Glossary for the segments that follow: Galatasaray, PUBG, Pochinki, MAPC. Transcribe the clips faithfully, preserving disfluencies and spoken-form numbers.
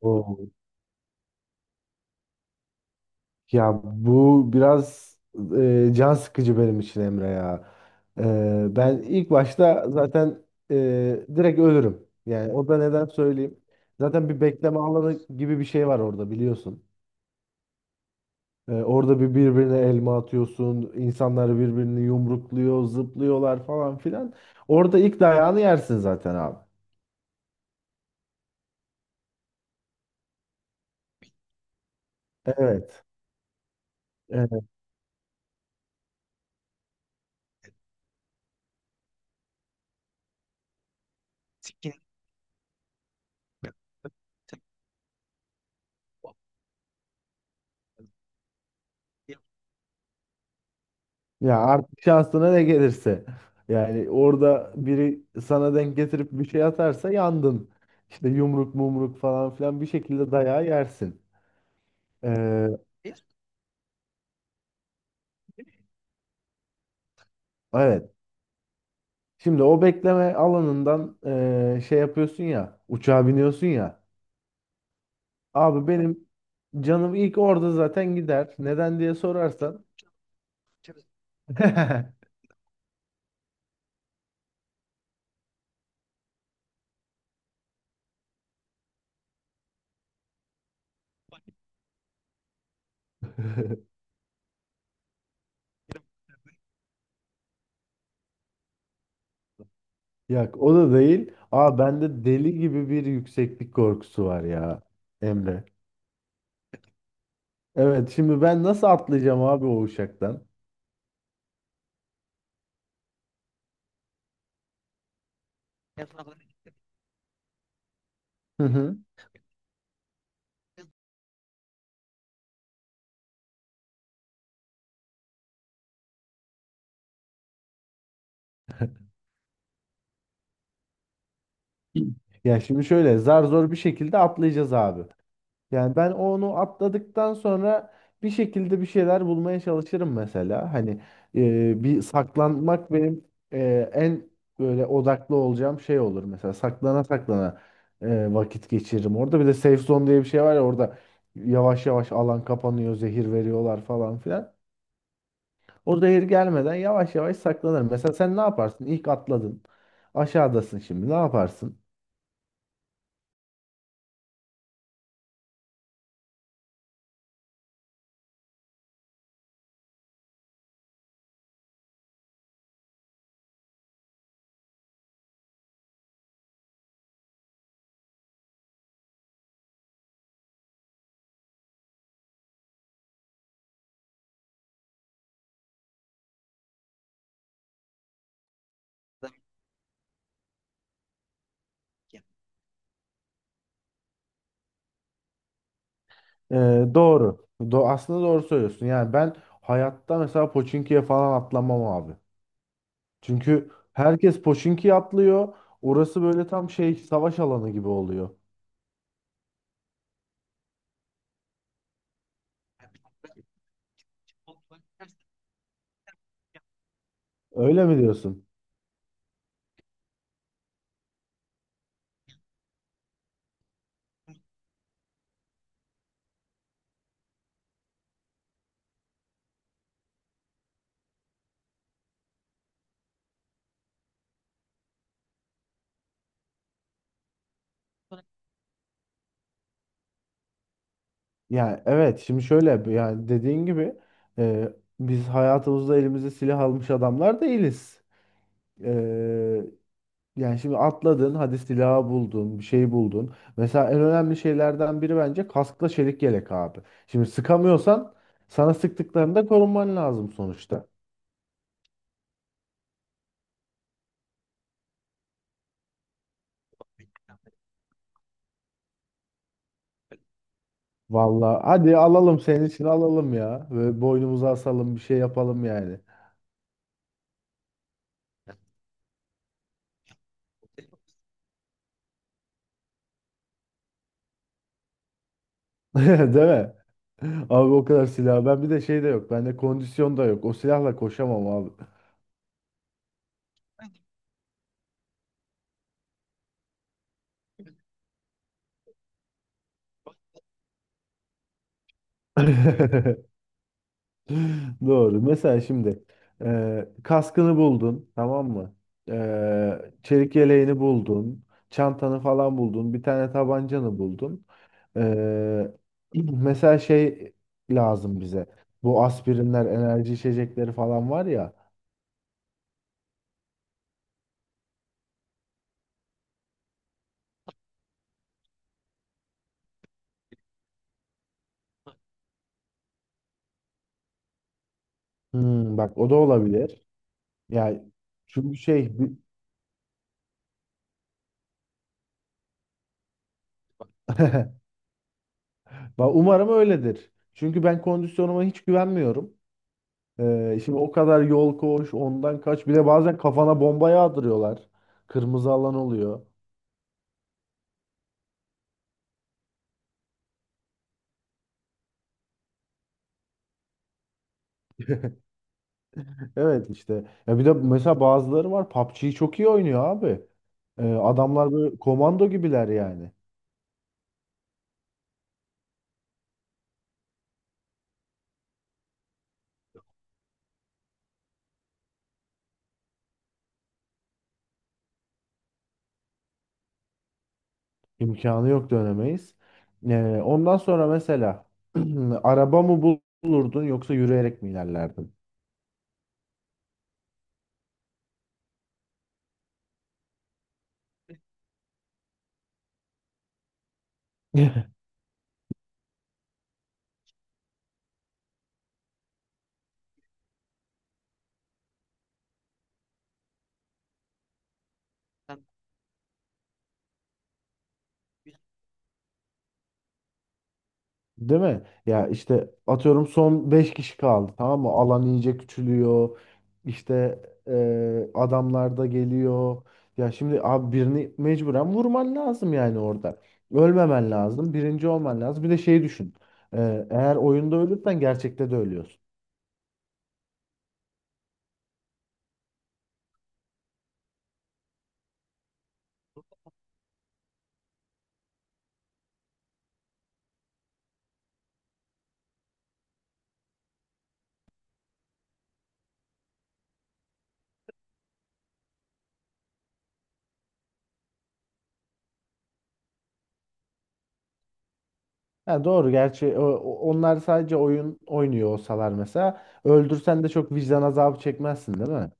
Oo. Ya bu biraz e, can sıkıcı benim için Emre ya. E, ben ilk başta zaten e, direkt ölürüm. Yani o da neden söyleyeyim. Zaten bir bekleme alanı gibi bir şey var orada biliyorsun. E, orada bir birbirine elma atıyorsun. İnsanlar birbirini yumrukluyor, zıplıyorlar falan filan. Orada ilk dayağını yersin zaten abi. Evet. Evet. Ya artık şansına ne gelirse. Yani orada biri sana denk getirip bir şey atarsa yandın. İşte yumruk mumruk falan filan bir şekilde dayağı yersin. Ee, evet. Şimdi o bekleme alanından ee, şey yapıyorsun ya. Uçağa biniyorsun ya. Abi benim canım ilk orada zaten gider. Neden diye sorarsan. Yok o da değil. Aa bende deli gibi bir yükseklik korkusu var ya Emre. Evet şimdi ben nasıl atlayacağım abi o uçaktan? Hı hı. Ya şimdi şöyle zar zor bir şekilde atlayacağız abi. Yani ben onu atladıktan sonra bir şekilde bir şeyler bulmaya çalışırım mesela. Hani e, bir saklanmak benim e, en böyle odaklı olacağım şey olur mesela. Saklana saklana e, vakit geçiririm. Orada bir de safe zone diye bir şey var ya orada yavaş yavaş alan kapanıyor, zehir veriyorlar falan filan. O zehir gelmeden yavaş yavaş saklanırım. Mesela sen ne yaparsın? İlk atladın. Aşağıdasın şimdi. Ne yaparsın? Ee, doğru. Do aslında doğru söylüyorsun. Yani ben hayatta mesela Pochinki'ye falan atlamam abi. Çünkü herkes Pochinki'ye atlıyor. Orası böyle tam şey savaş alanı gibi oluyor. Öyle mi diyorsun? Yani evet şimdi şöyle yani dediğin gibi e, biz hayatımızda elimize silah almış adamlar değiliz. E, Yani şimdi atladın, hadi silahı buldun, bir şey buldun. Mesela en önemli şeylerden biri bence kaskla çelik yelek abi. Şimdi sıkamıyorsan sana sıktıklarında korunman lazım sonuçta. Vallahi hadi alalım senin için alalım ya. Ve boynumuza asalım bir şey yapalım yani. Değil mi? Abi o kadar silah. Ben bir de şey de yok. Bende kondisyon da yok. O silahla koşamam abi. Doğru. Mesela şimdi e, kaskını buldun, tamam mı? E, çelik yeleğini buldun, çantanı falan buldun, bir tane tabancanı buldun. E, mesela şey lazım bize. Bu aspirinler, enerji içecekleri falan var ya. Hmm, bak o da olabilir. Yani çünkü şey, bi- ba- umarım öyledir. Çünkü ben kondisyonuma hiç güvenmiyorum. Ee, şimdi o kadar yol koş, ondan kaç. Bir de bazen kafana bomba yağdırıyorlar. Kırmızı alan oluyor. Evet işte. Ya bir de mesela bazıları var P U B G'yi çok iyi oynuyor abi. Ee, adamlar böyle komando gibiler yani. İmkanı yok dönemeyiz. Ee, ondan sonra mesela araba mı bul- bulurdun yoksa yürüyerek mi ilerlerdin? Değil mi? Ya işte atıyorum son beş kişi kaldı tamam mı? Alan iyice küçülüyor. İşte eee adamlar da geliyor. Ya şimdi abi birini mecburen vurman lazım yani orada. Ölmemen lazım. Birinci olman lazım. Bir de şey düşün. Eee, eğer oyunda ölürsen gerçekte de ölüyorsun. Ya doğru gerçi o- o- onlar sadece oyun oynuyor olsalar mesela öldürsen de çok vicdan azabı çekmezsin değil mi?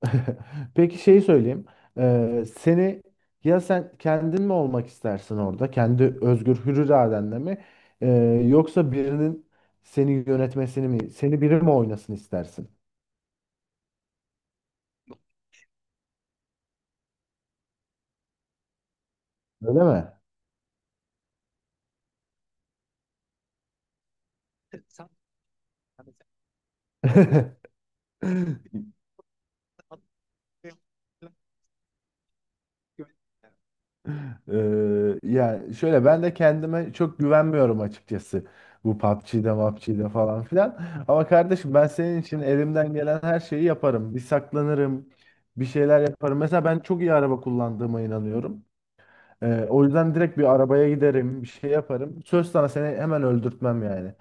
Peki şeyi söyleyeyim. Ee, seni Ya sen kendin mi olmak istersin orada? Kendi özgür hür iradenle mi? Ee, Yoksa birinin seni yönetmesini mi? Seni biri mi oynasın istersin? Öyle mi? Ee, yani şöyle ben de kendime çok güvenmiyorum açıkçası. Bu P U B G'de, M A P C'de falan filan. Ama kardeşim ben senin için elimden gelen her şeyi yaparım. Bir saklanırım, bir şeyler yaparım. Mesela ben çok iyi araba kullandığıma inanıyorum. Ee, o yüzden direkt bir arabaya giderim, bir şey yaparım. Söz sana seni hemen öldürtmem yani.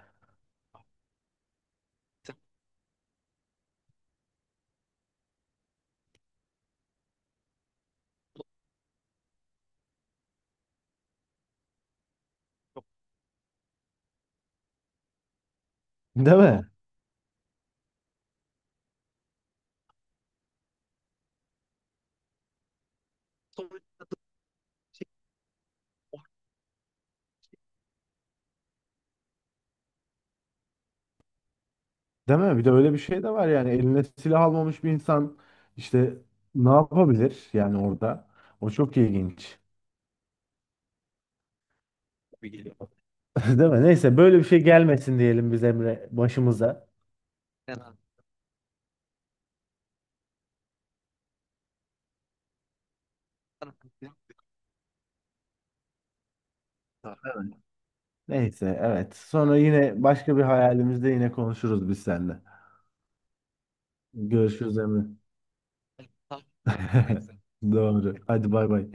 Değil mi? Değil mi? Bir de öyle bir şey de var yani. Eline silah almamış bir insan işte ne yapabilir yani orada? O çok ilginç. Değil mi? Neyse böyle bir şey gelmesin diyelim biz Emre başımıza. Neyse evet. Sonra yine başka bir hayalimizde yine konuşuruz biz seninle. Görüşürüz Emre. Doğru. Hadi bay bay.